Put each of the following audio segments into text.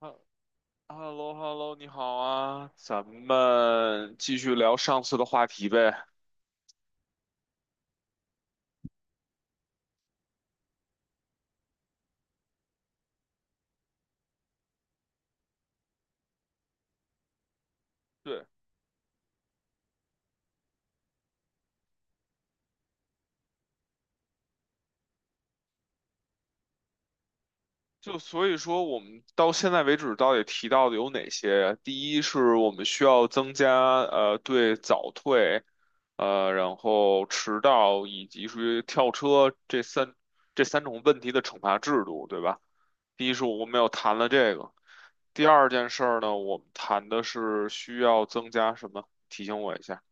哈 h e l l 你好啊，咱们继续聊上次的话题呗。对，就所以说，我们到现在为止到底提到的有哪些？第一是我们需要增加对早退，然后迟到以及属于跳车这三种问题的惩罚制度，对吧？第一是我们有谈了这个，第二件事儿呢，我们谈的是需要增加什么？提醒我一下。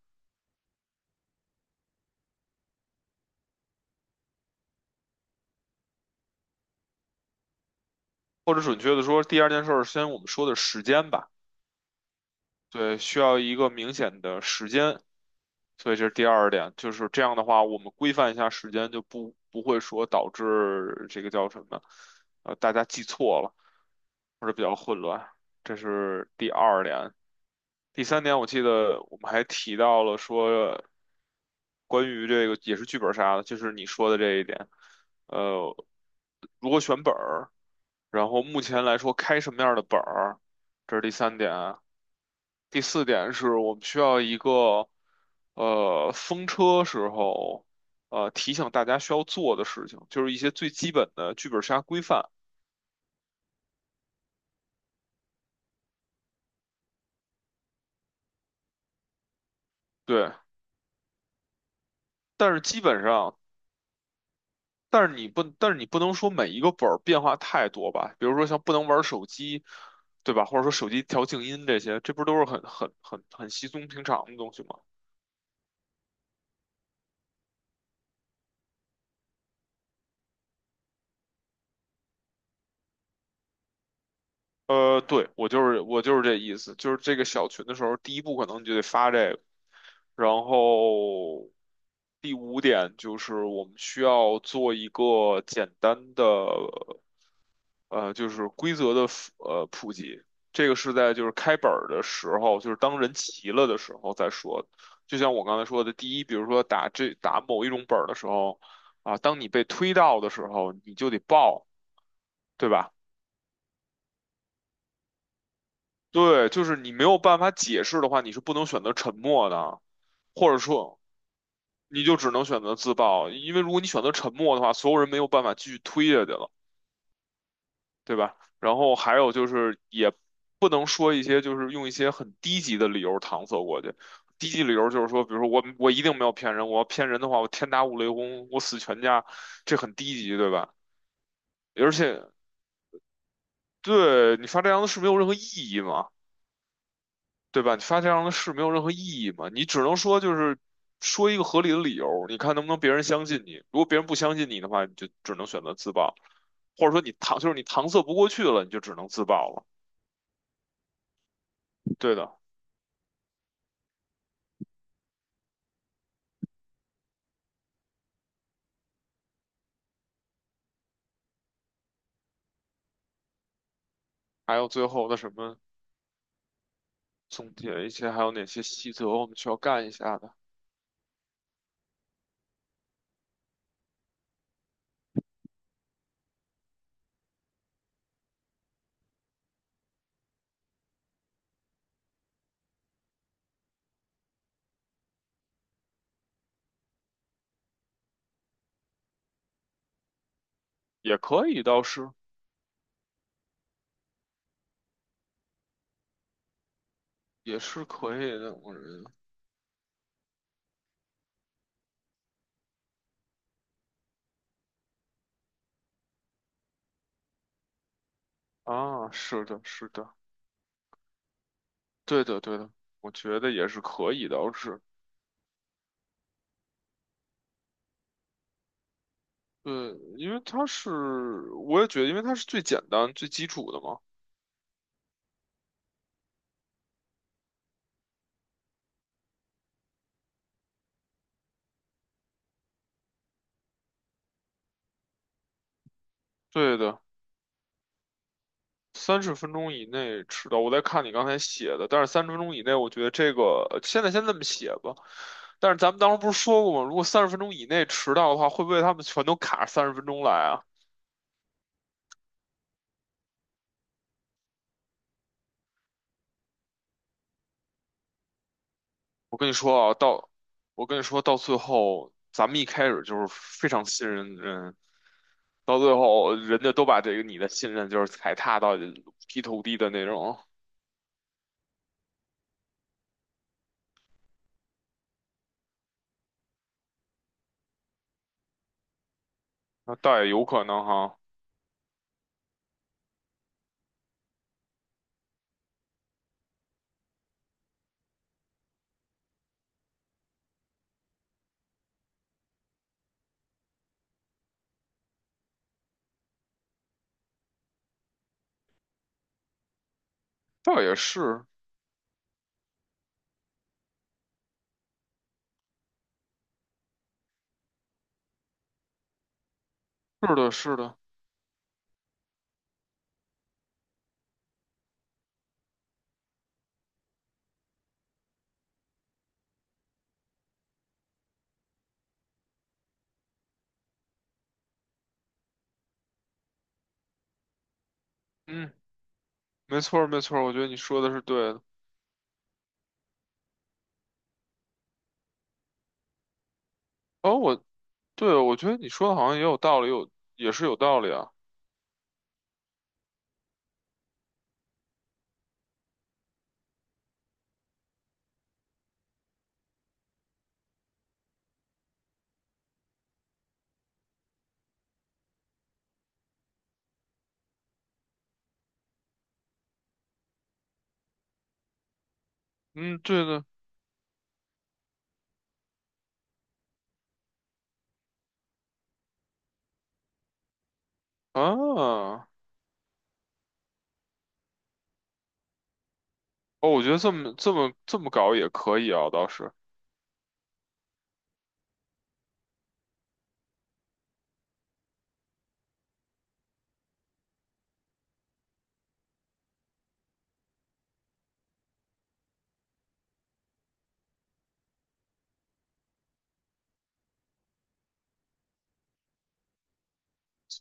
或者准确的说，第二件事儿，先我们说的时间吧。对，需要一个明显的时间，所以这是第二点。就是这样的话，我们规范一下时间，就不会说导致这个叫什么，大家记错了或者比较混乱。这是第二点。第三点，我记得我们还提到了说，关于这个也是剧本杀的，就是你说的这一点。呃，如果选本儿。然后目前来说，开什么样的本儿，这是第三点。第四点是我们需要一个，风车时候，提醒大家需要做的事情，就是一些最基本的剧本杀规范。对，但是基本上，但是你不能说每一个本儿变化太多吧？比如说像不能玩手机，对吧？或者说手机调静音这些，这不都是很稀松平常的东西吗？对，我就是这意思，就是这个小群的时候，第一步可能你就得发这个，然后第五点就是我们需要做一个简单的就是规则的普及，这个是在就是开本儿的时候，就是当人齐了的时候再说。就像我刚才说的，第一，比如说打某一种本儿的时候，啊，当你被推到的时候，你就得报，对吧？对，就是你没有办法解释的话，你是不能选择沉默的，或者说你就只能选择自爆，因为如果你选择沉默的话，所有人没有办法继续推下去了，对吧？然后还有就是也不能说一些就是用一些很低级的理由搪塞过去，低级理由就是说，比如说我一定没有骗人，我要骗人的话，我天打五雷轰，我死全家，这很低级，对吧？而且对你发这样的是没有任何意义嘛。对吧？你发这样的誓没有任何意义嘛，你只能说就是说一个合理的理由，你看能不能别人相信你。如果别人不相信你的话，你就只能选择自爆，或者说你搪塞不过去了，你就只能自爆了。对的，还有最后的什么总结一些，还有哪些细则我们需要干一下的，也可以，倒是也是可以的，我认为啊，是的，是的，对的，对的，我觉得也是可以的，倒是。对，因为它是，我也觉得，因为它是最简单、最基础的嘛。对的，三十分钟以内迟到。我在看你刚才写的，但是三十分钟以内，我觉得这个现在先这么写吧。但是咱们当时不是说过吗？如果三十分钟以内迟到的话，会不会他们全都卡三十分钟来啊？我跟你说啊，到我跟你说到最后，咱们一开始就是非常信任人，到最后人家都把这个你的信任就是踩踏到劈头地的那种，那倒也有可能哈，倒也是，是的，是的，嗯，没错儿，没错儿，我觉得你说的是对的。哦，我对，我觉得你说的好像也有道理，也是有道理啊。嗯，对的啊。哦，我觉得这么搞也可以啊，倒是。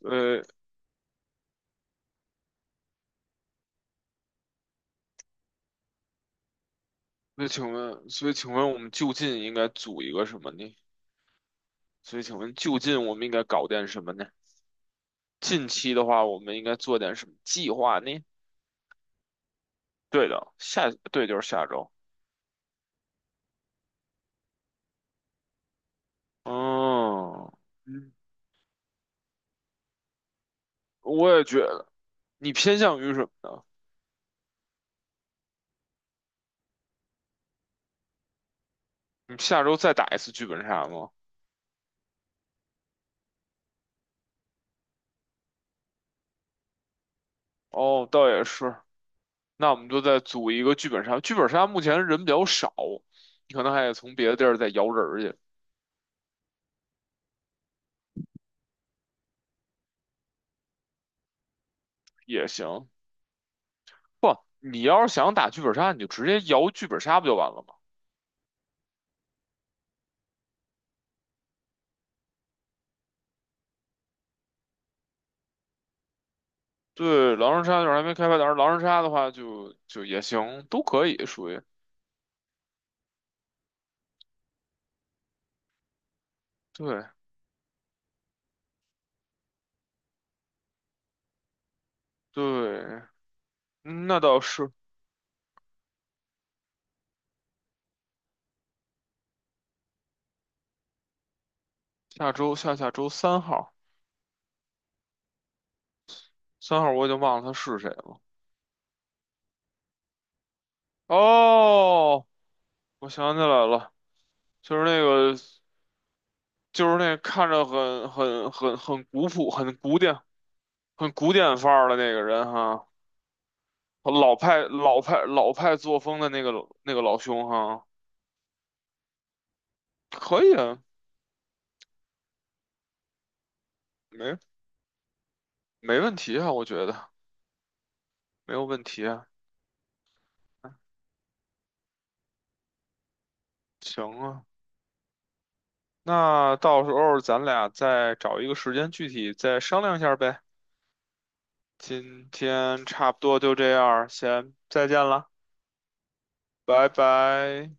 呃，那请问，所以请问我们就近应该组一个什么呢？所以请问就近我们应该搞点什么呢？近期的话，我们应该做点什么计划呢？对的，对，就是下周。嗯，嗯，我也觉得。你偏向于什么呢？你下周再打一次剧本杀吗？哦，倒也是。那我们就再组一个剧本杀。剧本杀目前人比较少，你可能还得从别的地儿再摇人儿去也行。不，你要是想打剧本杀，你就直接摇剧本杀不就完了吗？对，狼人杀就是还没开发，但是狼人杀的话就也行，都可以属于。对对，嗯那倒是。下周下下周三号，三号我已经忘了他是谁了。哦，我想起来了，就是那个，就是那看着很古朴、很古典、很古典范儿的那个人哈，老派作风的那个老兄哈，可以啊，没没问题啊，我觉得没有问题啊，行啊，那到时候咱俩再找一个时间具体再商量一下呗。今天差不多就这样，先再见了，拜拜。